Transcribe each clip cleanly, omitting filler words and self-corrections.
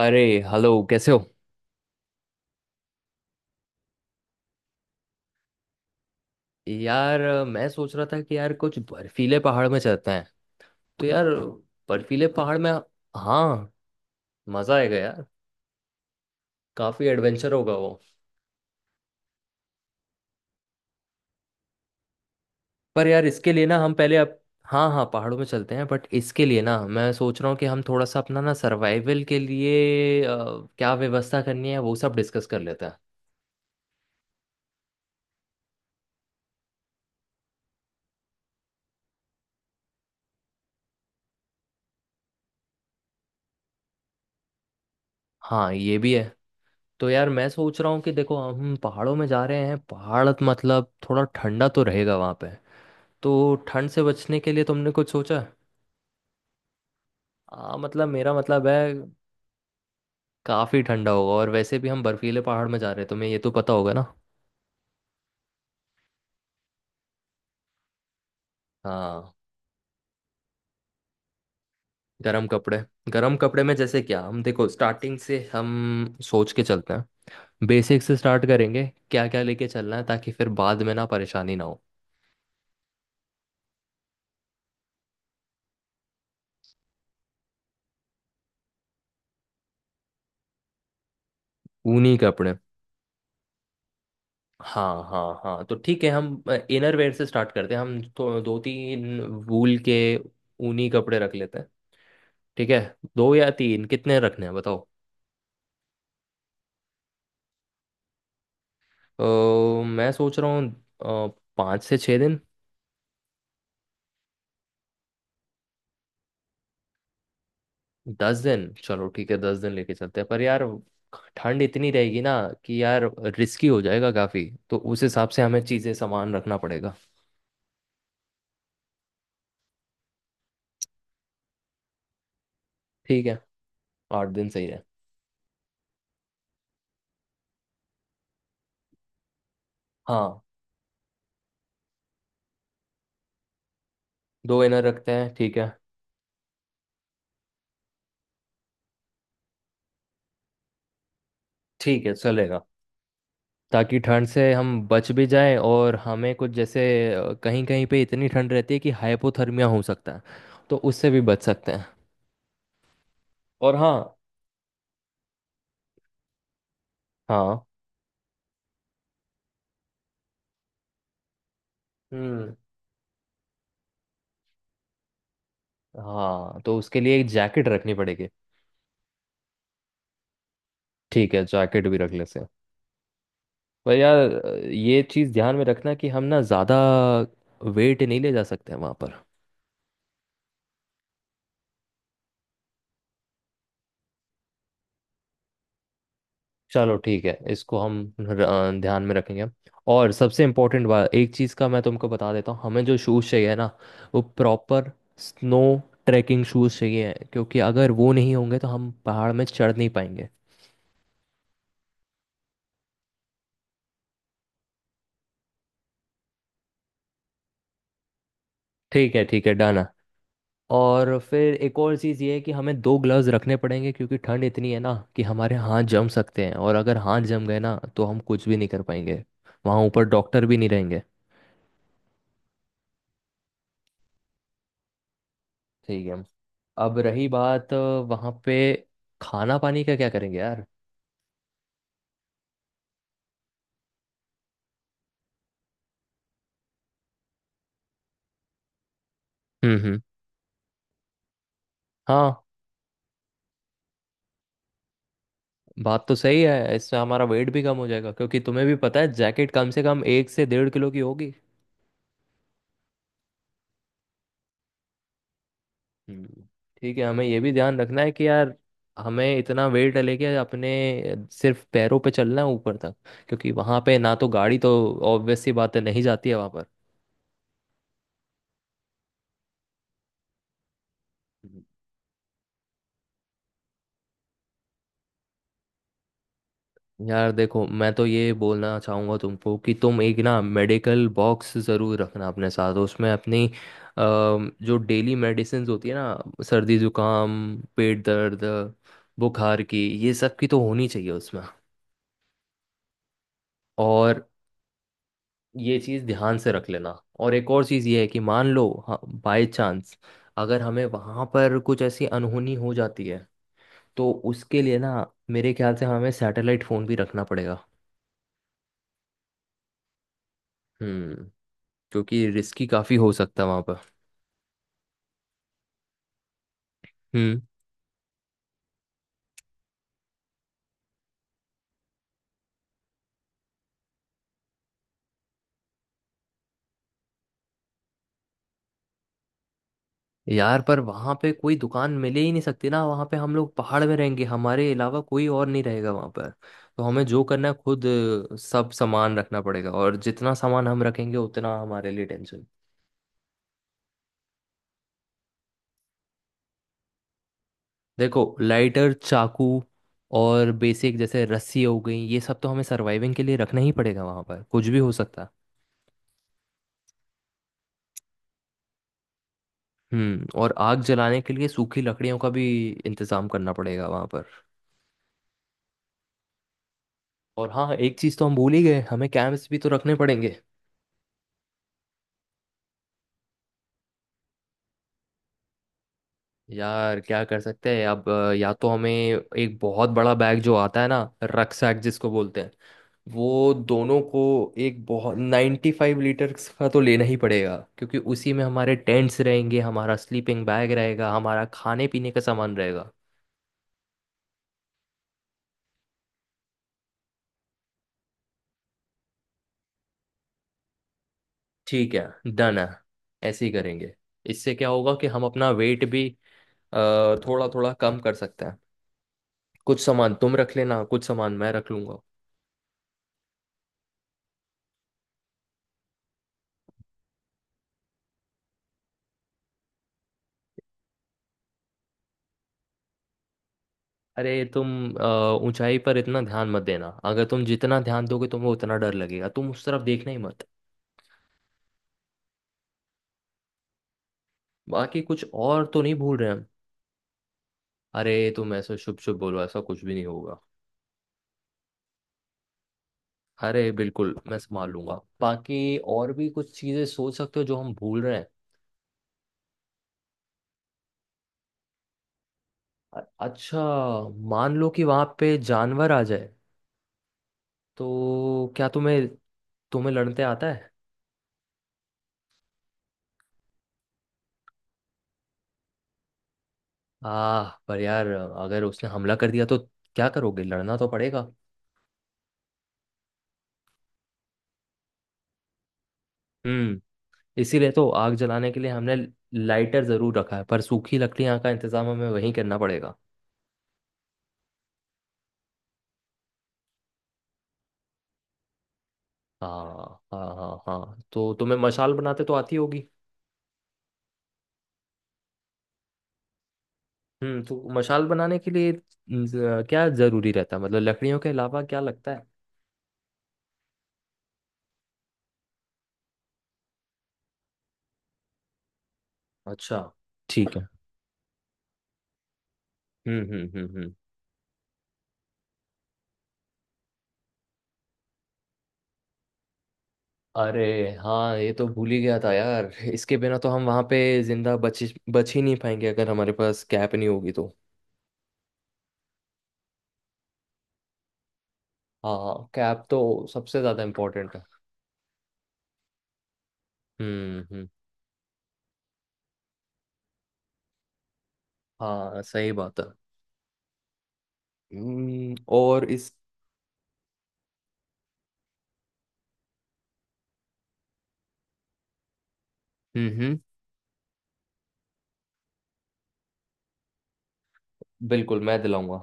अरे हेलो कैसे हो। यार मैं सोच रहा था कि यार कुछ बर्फीले पहाड़ में चलते हैं। तो यार बर्फीले पहाड़ में हाँ मजा आएगा यार। काफी एडवेंचर होगा वो। पर यार इसके लिए ना हम पहले अब हाँ हाँ पहाड़ों में चलते हैं बट इसके लिए ना मैं सोच रहा हूँ कि हम थोड़ा सा अपना ना सर्वाइवल के लिए क्या व्यवस्था करनी है वो सब डिस्कस कर लेते हैं। हाँ ये भी है। तो यार मैं सोच रहा हूँ कि देखो हम पहाड़ों में जा रहे हैं। पहाड़ मतलब थोड़ा ठंडा तो रहेगा वहाँ पे। तो ठंड से बचने के लिए तुमने कुछ सोचा। हाँ मतलब मेरा मतलब है काफ़ी ठंडा होगा और वैसे भी हम बर्फीले पहाड़ में जा रहे हैं तुम्हें ये तो पता होगा ना। हाँ। गरम कपड़े। गरम कपड़े में जैसे क्या हम देखो स्टार्टिंग से हम सोच के चलते हैं। बेसिक से स्टार्ट करेंगे। क्या क्या लेके चलना है ताकि फिर बाद में ना परेशानी ना हो। ऊनी कपड़े। हाँ हाँ हाँ तो ठीक है। हम इनर वेयर से स्टार्ट करते हैं हम तो दो तीन वूल के ऊनी कपड़े रख लेते हैं। ठीक है। दो या तीन कितने रखने हैं बताओ। अ, मैं सोच रहा हूँ। 5 से 6 दिन। 10 दिन चलो ठीक है 10 दिन लेके चलते हैं पर यार ठंड इतनी रहेगी ना कि यार रिस्की हो जाएगा काफ़ी। तो उस हिसाब से हमें चीज़ें सामान रखना पड़ेगा। ठीक है 8 दिन सही है। हाँ दो इनर रखते हैं ठीक है। ठीक है चलेगा ताकि ठंड से हम बच भी जाएं और हमें कुछ जैसे कहीं कहीं पे इतनी ठंड रहती है कि हाइपोथर्मिया हो सकता है तो उससे भी बच सकते हैं। और हाँ हाँ हम्म। हाँ तो उसके लिए एक जैकेट रखनी पड़ेगी। ठीक है जैकेट भी रख लेते हैं। पर यार ये चीज़ ध्यान में रखना कि हम ना ज़्यादा वेट नहीं ले जा सकते हैं वहाँ पर। चलो ठीक है इसको हम ध्यान में रखेंगे। और सबसे इम्पोर्टेंट बात एक चीज़ का मैं तुमको बता देता हूँ हमें जो शूज़ चाहिए ना वो प्रॉपर स्नो ट्रैकिंग शूज़ चाहिए क्योंकि अगर वो नहीं होंगे तो हम पहाड़ में चढ़ नहीं पाएंगे। ठीक है डन। और फिर एक और चीज़ ये है कि हमें दो ग्लव्स रखने पड़ेंगे क्योंकि ठंड इतनी है ना कि हमारे हाथ जम सकते हैं और अगर हाथ जम गए ना तो हम कुछ भी नहीं कर पाएंगे। वहाँ ऊपर डॉक्टर भी नहीं रहेंगे। ठीक है। अब रही बात वहाँ पे खाना पानी का क्या करेंगे यार। हम्म हम्म हाँ बात तो सही है इससे हमारा वेट भी कम हो जाएगा क्योंकि तुम्हें भी पता है जैकेट कम से कम 1 से 1.5 किलो की होगी। हम्म, ठीक है हमें ये भी ध्यान रखना है कि यार हमें इतना वेट लेके अपने सिर्फ पैरों पे चलना है ऊपर तक क्योंकि वहां पे ना तो गाड़ी तो ऑब्वियस सी बात है नहीं जाती है वहां पर। हम्म। यार देखो मैं तो ये बोलना चाहूंगा तुमको कि तुम एक ना मेडिकल बॉक्स जरूर रखना अपने साथ उसमें अपनी जो डेली मेडिसिन होती है ना सर्दी जुकाम पेट दर्द बुखार की ये सब की तो होनी चाहिए उसमें। और ये चीज़ ध्यान से रख लेना। और एक और चीज़ ये है कि मान लो बाय चांस अगर हमें वहाँ पर कुछ ऐसी अनहोनी हो जाती है तो उसके लिए ना मेरे ख्याल से हमें सैटेलाइट फ़ोन भी रखना पड़ेगा। हम्म क्योंकि रिस्की काफ़ी हो सकता है वहाँ पर। हम्म यार पर वहाँ पे कोई दुकान मिले ही नहीं सकती ना वहाँ पे हम लोग पहाड़ में रहेंगे हमारे अलावा कोई और नहीं रहेगा वहाँ पर। तो हमें जो करना है खुद सब सामान रखना पड़ेगा और जितना सामान हम रखेंगे उतना हमारे लिए टेंशन। देखो लाइटर चाकू और बेसिक जैसे रस्सी हो गई ये सब तो हमें सर्वाइविंग के लिए रखना ही पड़ेगा वहां पर कुछ भी हो सकता है। और आग जलाने के लिए सूखी लकड़ियों का भी इंतजाम करना पड़ेगा वहां पर। और हाँ एक चीज तो हम भूल ही गए हमें कैंप्स भी तो रखने पड़ेंगे। यार क्या कर सकते हैं अब या तो हमें एक बहुत बड़ा बैग जो आता है ना रक्सैक जिसको बोलते हैं वो दोनों को एक बहुत 95 लीटर का तो लेना ही पड़ेगा क्योंकि उसी में हमारे टेंट्स रहेंगे हमारा स्लीपिंग बैग रहेगा हमारा खाने पीने का सामान रहेगा। ठीक है डन है। ऐसे ही करेंगे। इससे क्या होगा कि हम अपना वेट भी थोड़ा थोड़ा कम कर सकते हैं। कुछ सामान तुम रख लेना कुछ सामान मैं रख लूंगा। अरे तुम ऊंचाई पर इतना ध्यान मत देना अगर तुम जितना ध्यान दोगे तुम्हें उतना डर लगेगा तुम उस तरफ देखना ही मत। बाकी कुछ और तो नहीं भूल रहे हम। अरे तुम ऐसे शुभ शुभ बोलो ऐसा कुछ भी नहीं होगा। अरे बिल्कुल मैं संभाल लूंगा। बाकी और भी कुछ चीजें सोच सकते हो जो हम भूल रहे हैं। अ- अच्छा मान लो कि वहां पे जानवर आ जाए तो क्या तुम्हें तुम्हें लड़ते आता है। आ पर यार अगर उसने हमला कर दिया तो क्या करोगे लड़ना तो पड़ेगा। हम्म इसीलिए तो आग जलाने के लिए हमने लाइटर जरूर रखा है पर सूखी लकड़ियाँ का इंतजाम हमें वहीं करना पड़ेगा। हाँ हाँ हाँ हाँ तो तुम्हें मशाल बनाते तो आती होगी। तो मशाल बनाने के लिए क्या जरूरी रहता है मतलब लकड़ियों के अलावा क्या लगता है। अच्छा ठीक है। हम्म। अरे हाँ ये तो भूल ही गया था यार। इसके बिना तो हम वहाँ पे जिंदा बच बच ही नहीं पाएंगे अगर हमारे पास कैप नहीं होगी तो। हाँ कैप तो सबसे ज़्यादा इम्पोर्टेंट है। हम्म हम्म हाँ सही बात है। और इस हम्म हम्म बिल्कुल मैं दिलाऊंगा।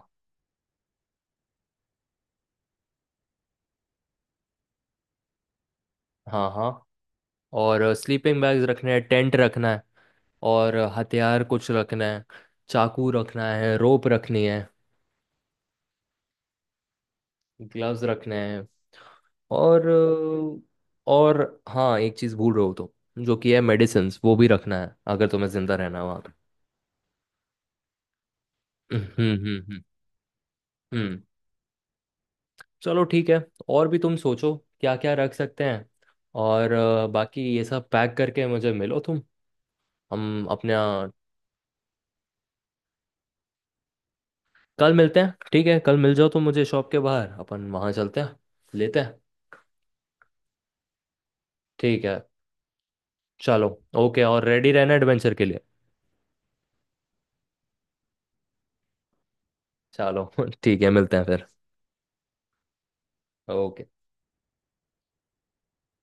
हाँ हाँ और स्लीपिंग बैग्स रखने हैं टेंट रखना है। और हथियार कुछ रखना है। चाकू रखना है रोप रखनी है ग्लव्स रखने हैं। और और हाँ एक चीज़ भूल रहे हो तो जो कि है मेडिसिन्स वो भी रखना है अगर तुम्हें जिंदा रहना है वहाँ पे। हम्म हम्म हम्म हम्म। चलो ठीक है और भी तुम सोचो क्या क्या रख सकते हैं। और बाकी ये सब पैक करके मुझे मिलो तुम। हम अपने यहाँ- कल मिलते हैं ठीक है कल मिल जाओ तो मुझे शॉप के बाहर अपन वहाँ चलते हैं लेते हैं ठीक है। चलो ओके और रेडी रहना एडवेंचर के लिए। चलो ठीक है मिलते हैं फिर ओके।